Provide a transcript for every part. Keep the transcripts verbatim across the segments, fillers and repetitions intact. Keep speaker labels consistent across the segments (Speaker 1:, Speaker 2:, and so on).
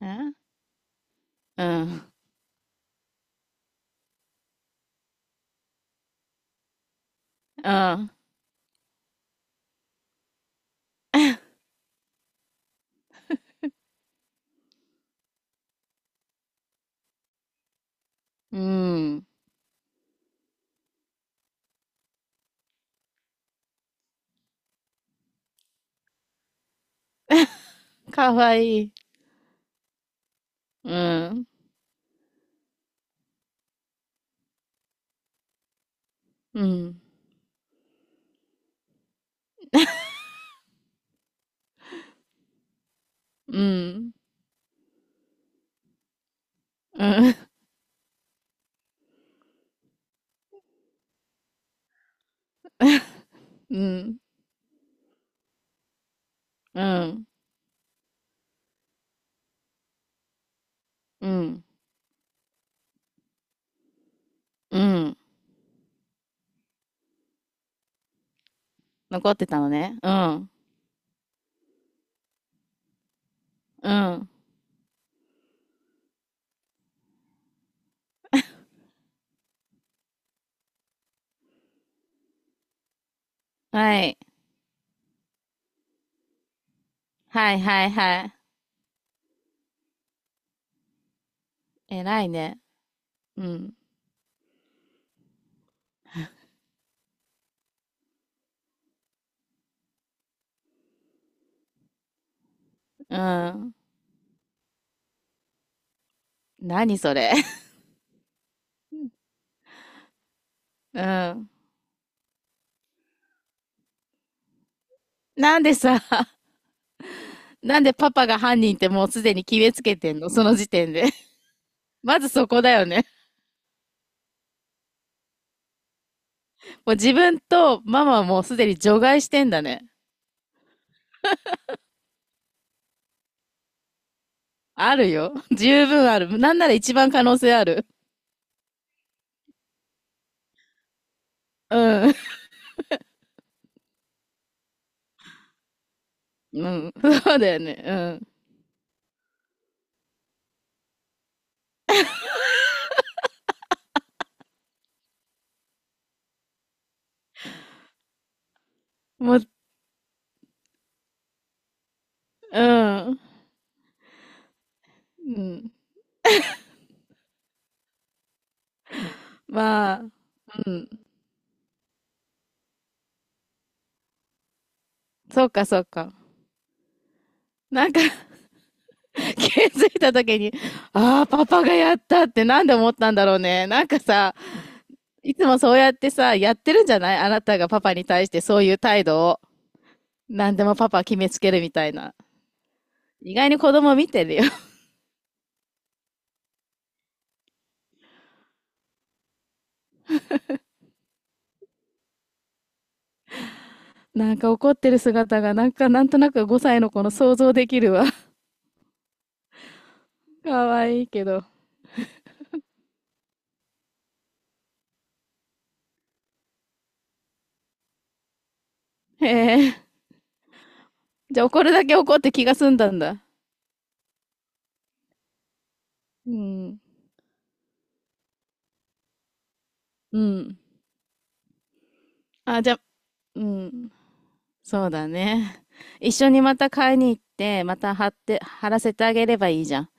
Speaker 1: えうん。うん。うん。かわいい。うん。うん。うん。うん。うん。うん。うん。うん。残ってたのね。うん。うん。はい。はいはいはい。偉いね。うん。うん。何それ。うん。なんでさ、なんでパパが犯人ってもうすでに決めつけてんの、その時点で。まずそこだよね。もう自分とママはもうすでに除外してんだね。あるよ。十分ある。なんなら一番可能性ある。うん。うん。そうだよね。うん。もう、うん。うん。まあ、うん。そうか、そうか。なんか、気づいた時に、ああ、パパがやったってなんで思ったんだろうね。なんかさ、いつもそうやってさ、やってるんじゃない、あなたがパパに対してそういう態度を。何でもパパ決めつけるみたいな。意外に子供見てるよ。なんか怒ってる姿が、なんかなんとなくごさいの子の想像できるわ。可愛いいけど。へえ。じゃあ怒るだけ怒って気が済んだんだ。うん。うん。あ、じゃあ、うん。そうだね。一緒にまた買いに行って、また貼って、貼らせてあげればいいじゃん。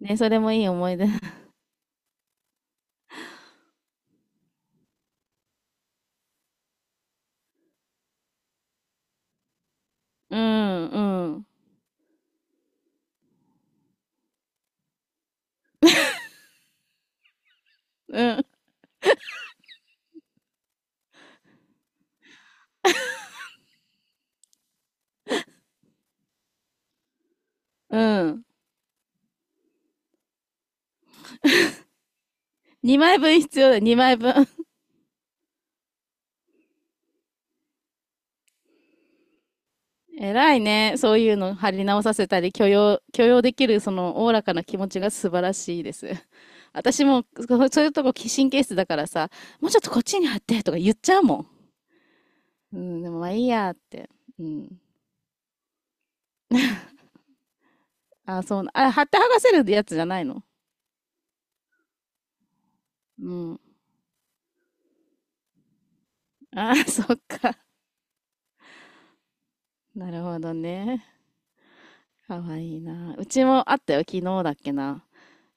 Speaker 1: ね、それもいい思い出。うん、うん、うん、うん。にまいぶん必要だ、にまいぶん。偉いね。そういうの貼り直させたり、許容、許容できる、その、おおらかな気持ちが素晴らしいです。私もそういうとこ神経質だからさ、もうちょっとこっちに貼ってとか言っちゃうもん。うん、でもまあいいやって。うん。あ、そう、あ、貼って剥がせるやつじゃないの？うん。あ、そっか。なるほどね。かわいいな。うちもあったよ、昨日だっけな。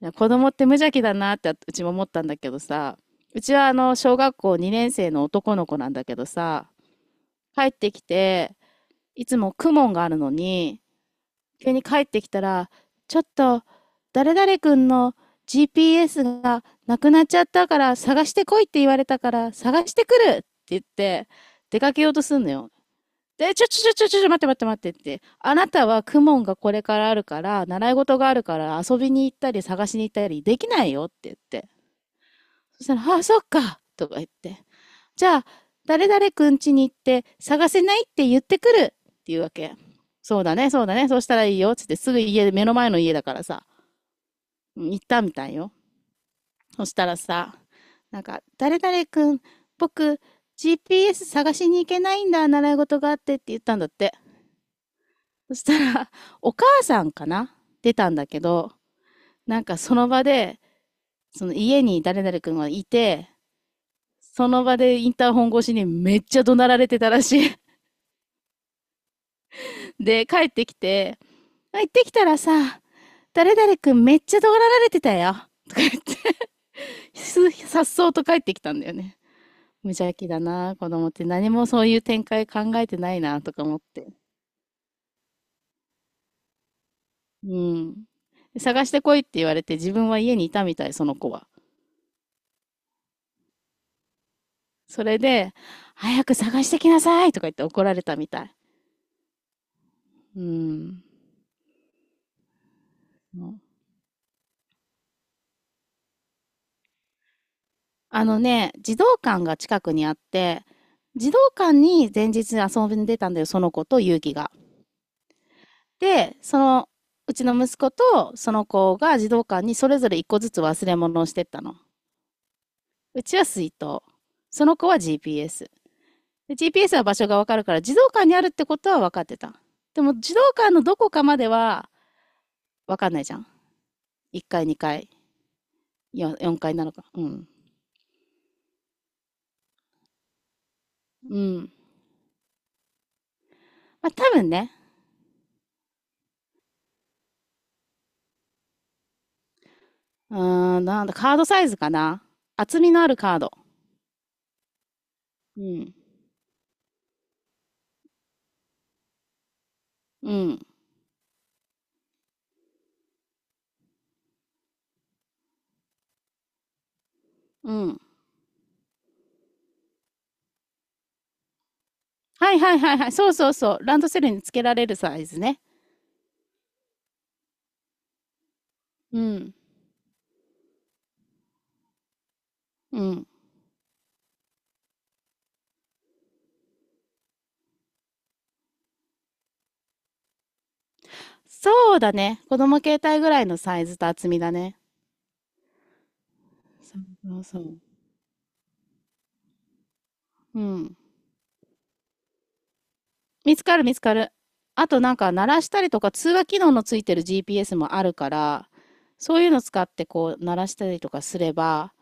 Speaker 1: いや、子供って無邪気だなってうちも思ったんだけどさ、うちはあの、小学校にねん生の男の子なんだけどさ、帰ってきて、いつもクモンがあるのに、急に帰ってきたら、ちょっと、誰々くんの ジーピーエス がなくなっちゃったから探してこいって言われたから探してくるって言って出かけようとすんのよ。で、ちょちょちょちょちょ、待って待って待ってって。あなたはクモンがこれからあるから、習い事があるから遊びに行ったり探しに行ったりできないよって言って。そしたら、ああ、そっかとか言って。じゃあ、誰々くん家に行って探せないって言ってくるっていうわけ。そうだね、そうだね、そうしたらいいよ、つってすぐ家で、目の前の家だからさ、行ったみたいよ。そしたらさ、なんか、誰々くん、僕、ジーピーエス 探しに行けないんだ、習い事があってって言ったんだって。そしたら、お母さんかな出たんだけど、なんかその場で、その家に誰々くんはいて、その場でインターホン越しにめっちゃ怒鳴られてたらしい。で、帰ってきて、行ってきたらさ、誰々くんめっちゃ怒られてたよ、とか言ってさっそうと帰ってきたんだよね。無邪気だな、子供って。何もそういう展開考えてないな、とか思って。うん。探してこいって言われて自分は家にいたみたい、その子は。それで、早く探してきなさいとか言って怒られたみたい。うん。あのね、児童館が近くにあって、児童館に前日遊んでたんだよ、その子と勇気が。で、その、うちの息子とその子が児童館にそれぞれいっこずつ忘れ物をしてったの。うちは水筒。その子は ジーピーエス。で ジーピーエス は場所がわかるから、児童館にあるってことは分かってた。でも、児童館のどこかまでは分かんないじゃん。いっかい、にかい、よん よんかいなのか。うん。うん。まあ、多分ね。うーん、なんだ、カードサイズかな。厚みのあるカード。うん。うん。うん。はいはいはいはい。そうそうそう。ランドセルにつけられるサイズね。うん。うん。そうだね。子供携帯ぐらいのサイズと厚みだね。そうそうそう。うん。見つかる見つかる。あとなんか鳴らしたりとか通話機能のついてる ジーピーエス もあるから、そういうの使ってこう鳴らしたりとかすれば、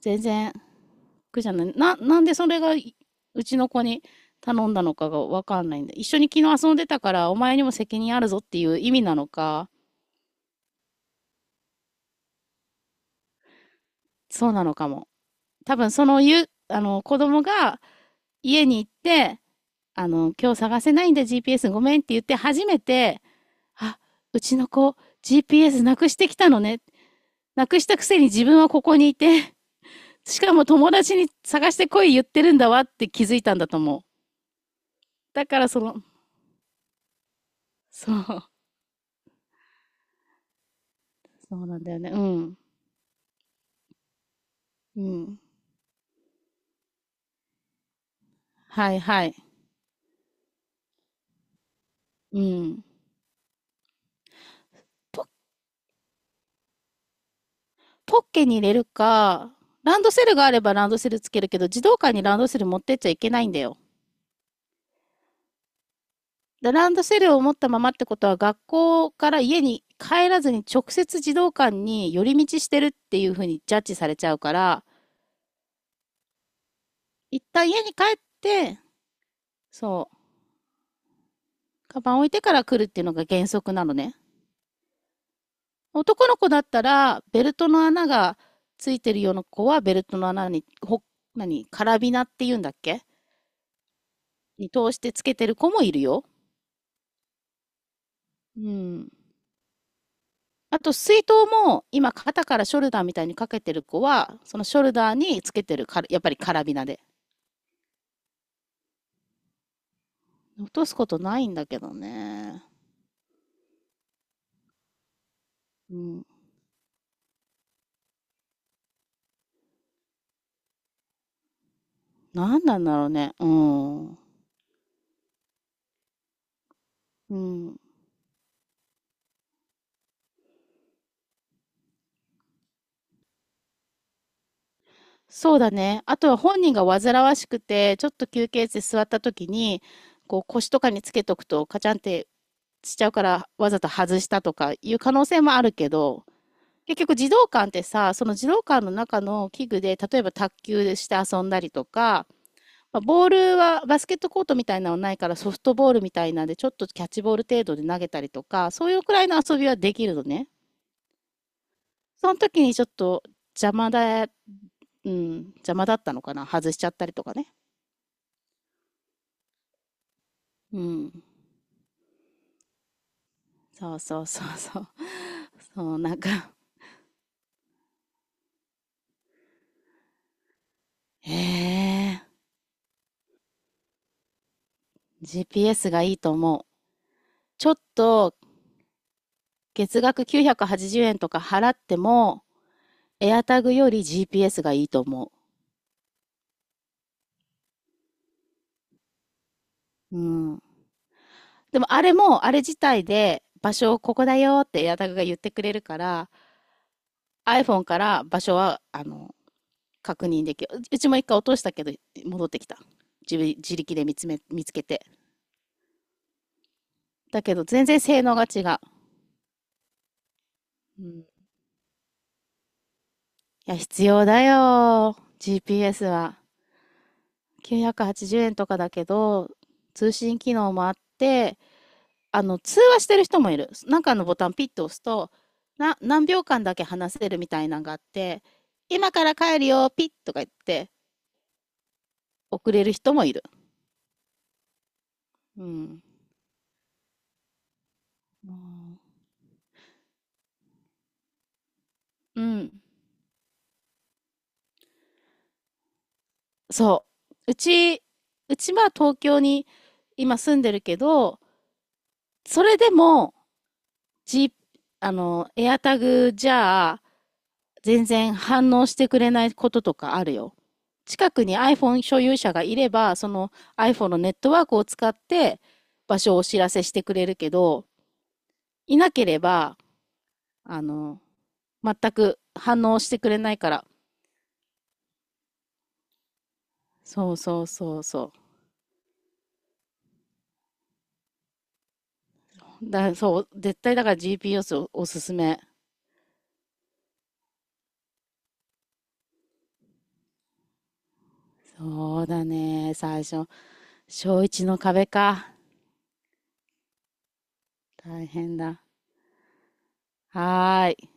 Speaker 1: 全然苦じゃない。な、なんでそれが、いうちの子に頼んだのかがわかんないんで、一緒に昨日遊んでたからお前にも責任あるぞっていう意味なのか、そうなのかも。多分、そのゆ、あの、子供が家に行って、あの、今日探せないんだ ジーピーエス ごめんって言って初めて、あ、うちの子 ジーピーエス なくしてきたのね、なくしたくせに自分はここにいて、しかも友達に探してこい言ってるんだわって気づいたんだと思う。だからその、そう、そうなんだよね。うん。うん。はいはい。うん。ポ、ポッケに入れるか、ランドセルがあればランドセルつけるけど、児童館にランドセル持ってっちゃいけないんだよ。ランドセルを持ったままってことは学校から家に帰らずに直接児童館に寄り道してるっていうふうにジャッジされちゃうから、一旦家に帰って、そう、カバン置いてから来るっていうのが原則なのね。男の子だったらベルトの穴がついてるような子はベルトの穴に、ほ何、カラビナっていうんだっけ、に通してつけてる子もいるよ。うん、あと水筒も今肩からショルダーみたいにかけてる子はそのショルダーにつけてるから、やっぱりカラビナで。落とすことないんだけどね。うん。なんなんだろうね。うん。うん。そうだね。あとは本人が煩わしくて、ちょっと休憩室で座った時に、こう腰とかにつけとくとカチャンってしちゃうからわざと外したとかいう可能性もあるけど、結局児童館ってさ、その児童館の中の器具で、例えば卓球して遊んだりとか、まあボールはバスケットコートみたいなのはないからソフトボールみたいなんでちょっとキャッチボール程度で投げたりとかそういうくらいの遊びはできるのね。その時にちょっと邪魔だ、うん、邪魔だったのかな、外しちゃったりとかね。うん。そうそうそうそう。 そうなんか、へえ。 ジーピーエス がいいと思う。ちょっと月額きゅうひゃくはちじゅうえんとか払っても エアタグ より ジーピーエス がいいと思う。うん、でもあれも、あれ自体で場所をここだよってエアタグが言ってくれるから、iPhone から場所は、あの、確認できる。うちもいっかい落としたけど、戻ってきた。自自力で見つめ、見つけて。だけど、全然性能が違う。うん、いや、必要だよ。ジーピーエス は。きゅうひゃくはちじゅうえんとかだけど、通信機能もあって、あの、通話してる人もいる。なんかのボタンピッと押すと、な、何秒間だけ話せるみたいなのがあって、今から帰るよ、ピッとか言って、遅れる人もいる。うん。うん。そう。うち、うちは東京に今住んでるけど、それでも、G、あの、エアタグじゃあ、全然反応してくれないこととかあるよ。近くに iPhone 所有者がいれば、その iPhone のネットワークを使って場所をお知らせしてくれるけど、いなければ、あの、全く反応してくれないから。そうそうそうそう。だ、そう、絶対だから ジーピーエス、 お、おすすめ。そうだね。最初、小一の壁か。大変だ。はーい。